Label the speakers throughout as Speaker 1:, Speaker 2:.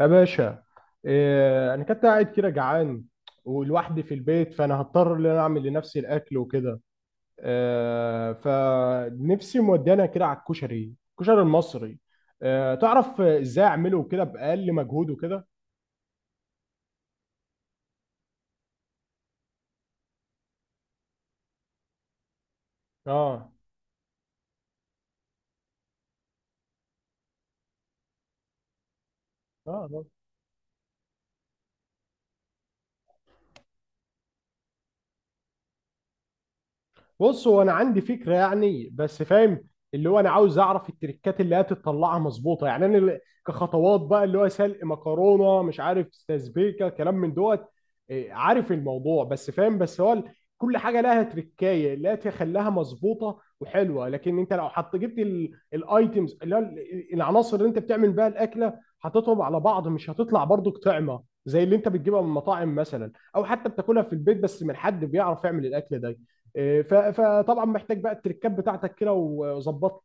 Speaker 1: يا باشا، انا كنت قاعد كده جعان ولوحدي في البيت، فانا هضطر ان انا اعمل لنفسي الاكل وكده. فنفسي مودانا كده على الكشري، الكشري المصري. تعرف ازاي اعمله كده باقل مجهود وكده؟ اه اه بص، هو انا عندي فكره يعني، بس فاهم. اللي هو انا عاوز اعرف التريكات اللي هتطلعها مظبوطه يعني. كخطوات بقى، اللي هو سلق مكرونه، مش عارف، تسبيكه، كلام من دوت. إيه، عارف الموضوع بس فاهم، بس كل حاجه لها تريكايه اللي تخليها مظبوطه وحلوه، لكن انت لو حط جبت الايتمز العناصر اللي انت بتعمل بيها الاكله، حطيتهم على بعض مش هتطلع برضو طعمه زي اللي انت بتجيبها من المطاعم مثلا، او حتى بتاكلها في البيت بس من حد بيعرف يعمل الاكل ده. آه، فطبعا محتاج بقى التركات بتاعتك كده وظبطها.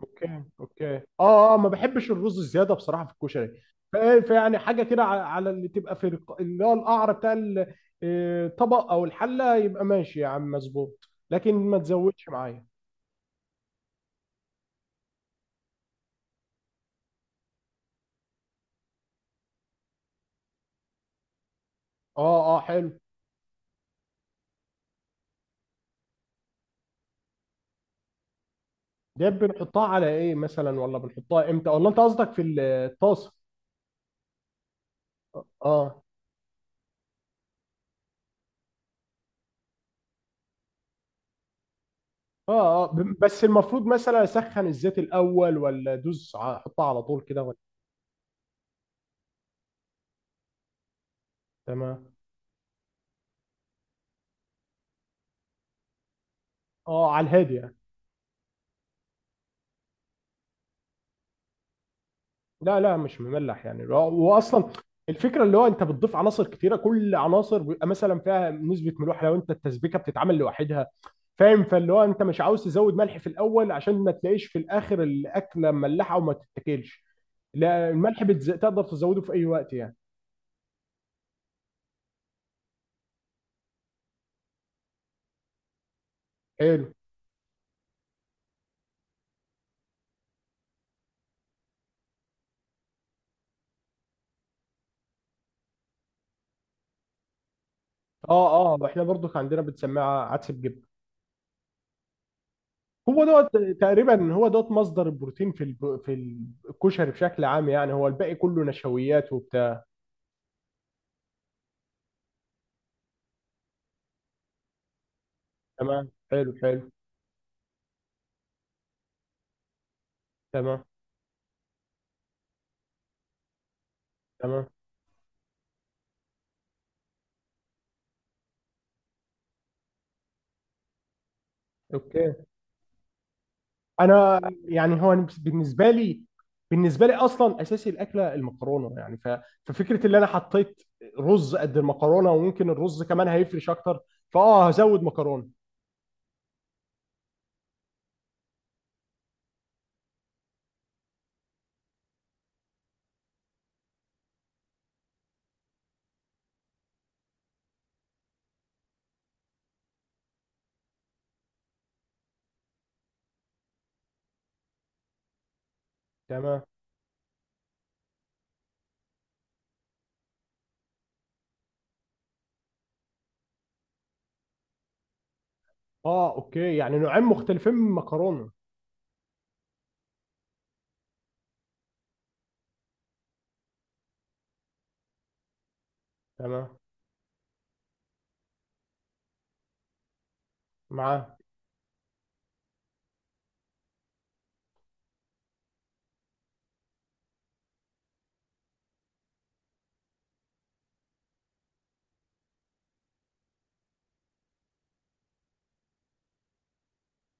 Speaker 1: اوكي ما بحبش الرز الزياده بصراحه في الكشري. ف- فيعني حاجه كده على اللي تبقى اللي هو القعر آه، الطبق او الحله، يبقى ماشي يا عم، مظبوط، لكن ما تزودش معايا. اه حلو. ده بنحطها على ايه مثلا، ولا بنحطها امتى، ولا انت قصدك في الطاسه؟ اه اه بس المفروض مثلا اسخن الزيت الاول، ولا ادوس احطها على طول كده، ولا؟ تمام. اه، على الهادي يعني. لا لا، مش مملح يعني، واصلا الفكره اللي هو انت بتضيف عناصر كتيره، كل عناصر بيبقى مثلا فيها نسبه ملوحه لو انت التسبيكه بتتعمل لوحدها، فاهم؟ فاللي هو انت مش عاوز تزود ملح في الاول عشان ما تلاقيش في الاخر الاكله مملحه وما تتاكلش. لا الملح بتز... تقدر تزوده في اي وقت يعني. حلو. اه احنا برضو كان عندنا بنسميها عدس بجبن. هو دوت تقريبا، هو دوت مصدر البروتين في في الكشري بشكل عام يعني. هو الباقي كله نشويات وبتاع. تمام، حلو حلو. تمام. تمام. اوكي. انا يعني هو بالنسبه لي، بالنسبه لي اصلا اساسي الاكله المكرونه يعني. ففكره اللي انا حطيت رز قد المكرونه، وممكن الرز كمان هيفرش اكتر. فاه، هزود مكرونه. تمام. اه اوكي، يعني نوعين مختلفين من المكرونه. تمام. معاك.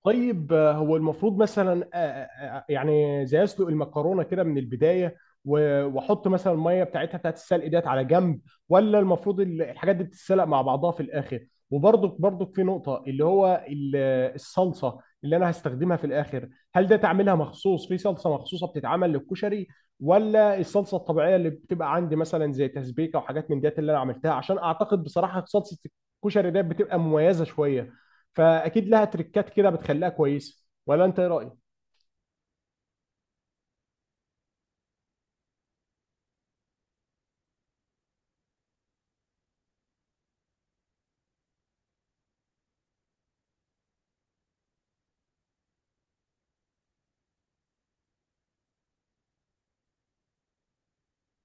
Speaker 1: طيب آه، هو المفروض مثلا يعني زي اسلق المكرونه كده من البدايه، واحط مثلا الميه بتاعتها، بتاعت السلق ديت على جنب؟ ولا المفروض الحاجات دي بتتسلق مع بعضها في الاخر؟ وبرضك، برضك في نقطه اللي هو الصلصه اللي انا هستخدمها في الاخر. هل ده تعملها مخصوص في صلصه مخصوصه بتتعمل للكشري، ولا الصلصه الطبيعيه اللي بتبقى عندي مثلا زي تسبيكه وحاجات من ديت اللي انا عملتها؟ عشان اعتقد بصراحه صلصه الكشري ديت بتبقى مميزه شويه، فاكيد لها تريكات كده بتخليها كويسه، ولا انت ايه رايك؟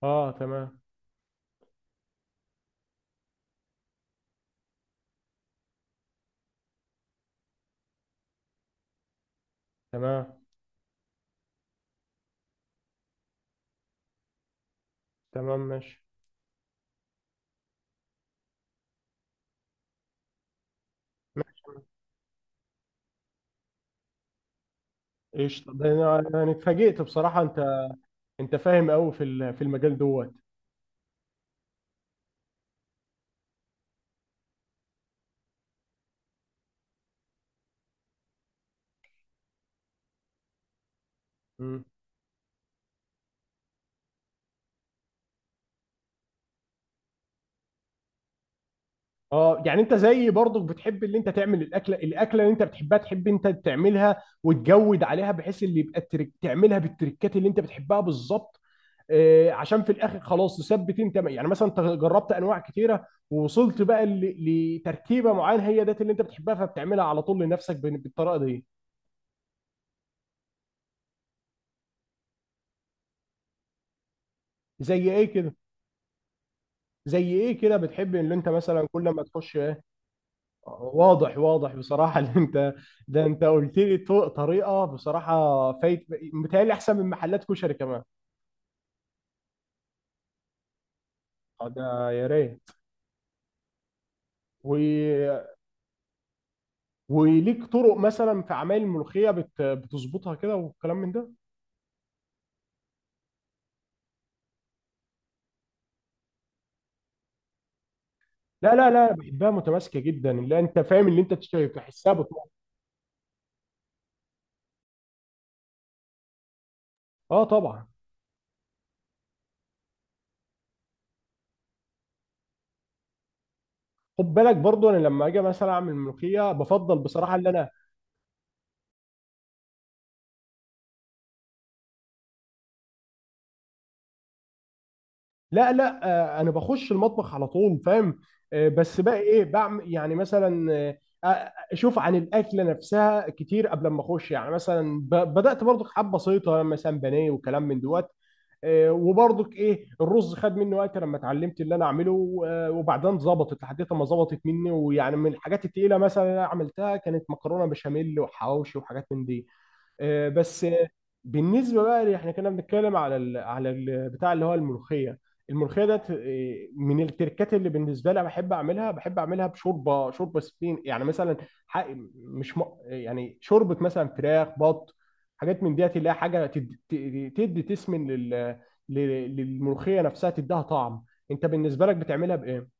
Speaker 1: اه تمام. تمام. تمام. ماشي. ماشي. ايش، طب انا، اتفاجئت بصراحه. انت، انت فاهم قوي في المجال دوت. مم. اه، يعني انت زيي برضك، بتحب اللي انت تعمل الاكله، الاكله اللي انت بتحبها تحب انت تعملها وتجود عليها، بحيث اللي يبقى الترك تعملها بالتركات اللي انت بتحبها بالظبط. آه، عشان في الاخر خلاص تثبت انت يعني، مثلا انت جربت انواع كتيره ووصلت بقى لتركيبه معينه هي ديت اللي انت بتحبها، فبتعملها على طول لنفسك بالطريقه دي. زي ايه كده؟ زي ايه كده بتحب ان انت مثلا كل ما تخش ايه؟ واضح، واضح بصراحه اللي انت، ده انت قلت لي طريقه بصراحه فايت. متهيألي احسن من محلات كشري كمان. آه، ده يا ريت. و... وليك طرق مثلا في اعمال الملوخيه بتظبطها كده والكلام من ده؟ لا لا لا، بحبها متماسكه جدا، اللي انت فاهم اللي انت بتشتري بتحسها بطموح. اه طبعا. خد بالك برضو، انا لما اجي مثلا اعمل ملوخيه بفضل بصراحه ان انا، لا لا، آه انا بخش المطبخ على طول فاهم. آه بس بقى ايه، بعمل يعني مثلا آه، آه، اشوف عن الاكله نفسها كتير قبل ما اخش يعني، مثلا بدات برضو حبه بسيطه مثلا بانيه وكلام من دوت. آه، وبرضك ايه، الرز خد مني وقت لما اتعلمت اللي انا اعمله. آه، وبعدين ظبطت لحد ما ظبطت مني. ويعني من الحاجات التقيله مثلا اللي انا عملتها كانت مكرونه بشاميل وحواوشي وحاجات من دي. آه، بس آه، بالنسبه بقى اللي احنا كنا بنتكلم على ال بتاع اللي هو الملوخيه، الملوخيه ده من التركات اللي بالنسبه لي بحب اعملها. بحب اعملها بشوربه، شوربه سبين يعني مثلا، ح- مش م... يعني شوربه مثلا فراخ، بط، حاجات من ديت اللي هي حاجه تدي تسمن للملوخيه نفسها، تديها طعم. انت بالنسبه لك بتعملها بايه؟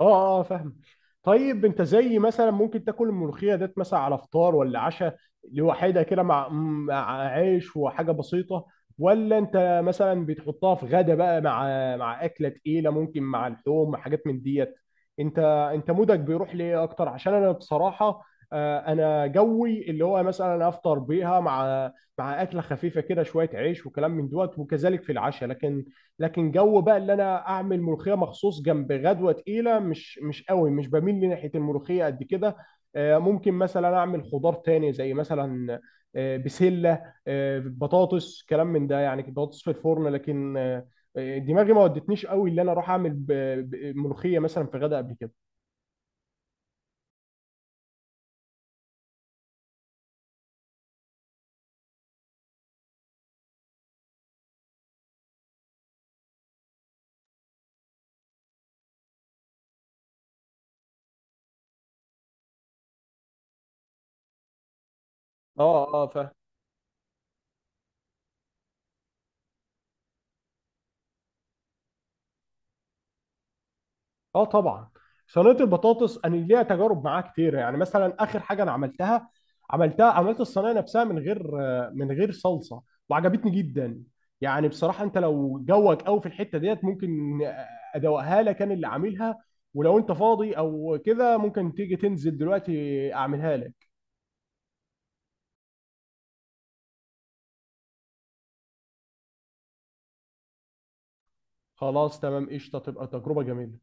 Speaker 1: اه اه فاهم. طيب انت زي مثلا ممكن تاكل الملوخيه ديت مثلا على فطار ولا عشاء، لوحدها كده مع، مع عيش وحاجه بسيطه؟ ولا انت مثلا بتحطها في غدا بقى مع، مع اكله تقيله، ممكن مع اللحوم، مع حاجات من ديت؟ انت، انت مودك بيروح ليه اكتر؟ عشان انا بصراحه آه، انا جوي اللي هو مثلا افطر بيها مع، مع اكله خفيفه كده، شويه عيش وكلام من دوت، وكذلك في العشاء. لكن، لكن جو بقى اللي انا اعمل ملوخيه مخصوص جنب غدوه تقيله، مش، مش قوي مش بميل لناحيه الملوخيه قد كده. آه، ممكن مثلا اعمل خضار تاني زي مثلا آه، بسله، آه، بطاطس، كلام من ده، يعني بطاطس في الفرن. لكن آه، آه، دماغي ما ودتنيش قوي اللي انا اروح اعمل ملوخيه مثلا في غدا قبل كده. اه اه اه طبعا. صينيه البطاطس انا ليها تجارب معاها كتير. يعني مثلا اخر حاجه انا عملتها، عملتها، عملت الصينيه نفسها من غير، من غير صلصه، وعجبتني جدا. يعني بصراحه انت لو جوك قوي في الحته ديت ممكن ادوقها لك انا اللي عاملها. ولو انت فاضي او كده، ممكن تيجي تنزل دلوقتي اعملها لك. خلاص تمام، قشطه، تبقى تجربه جميله.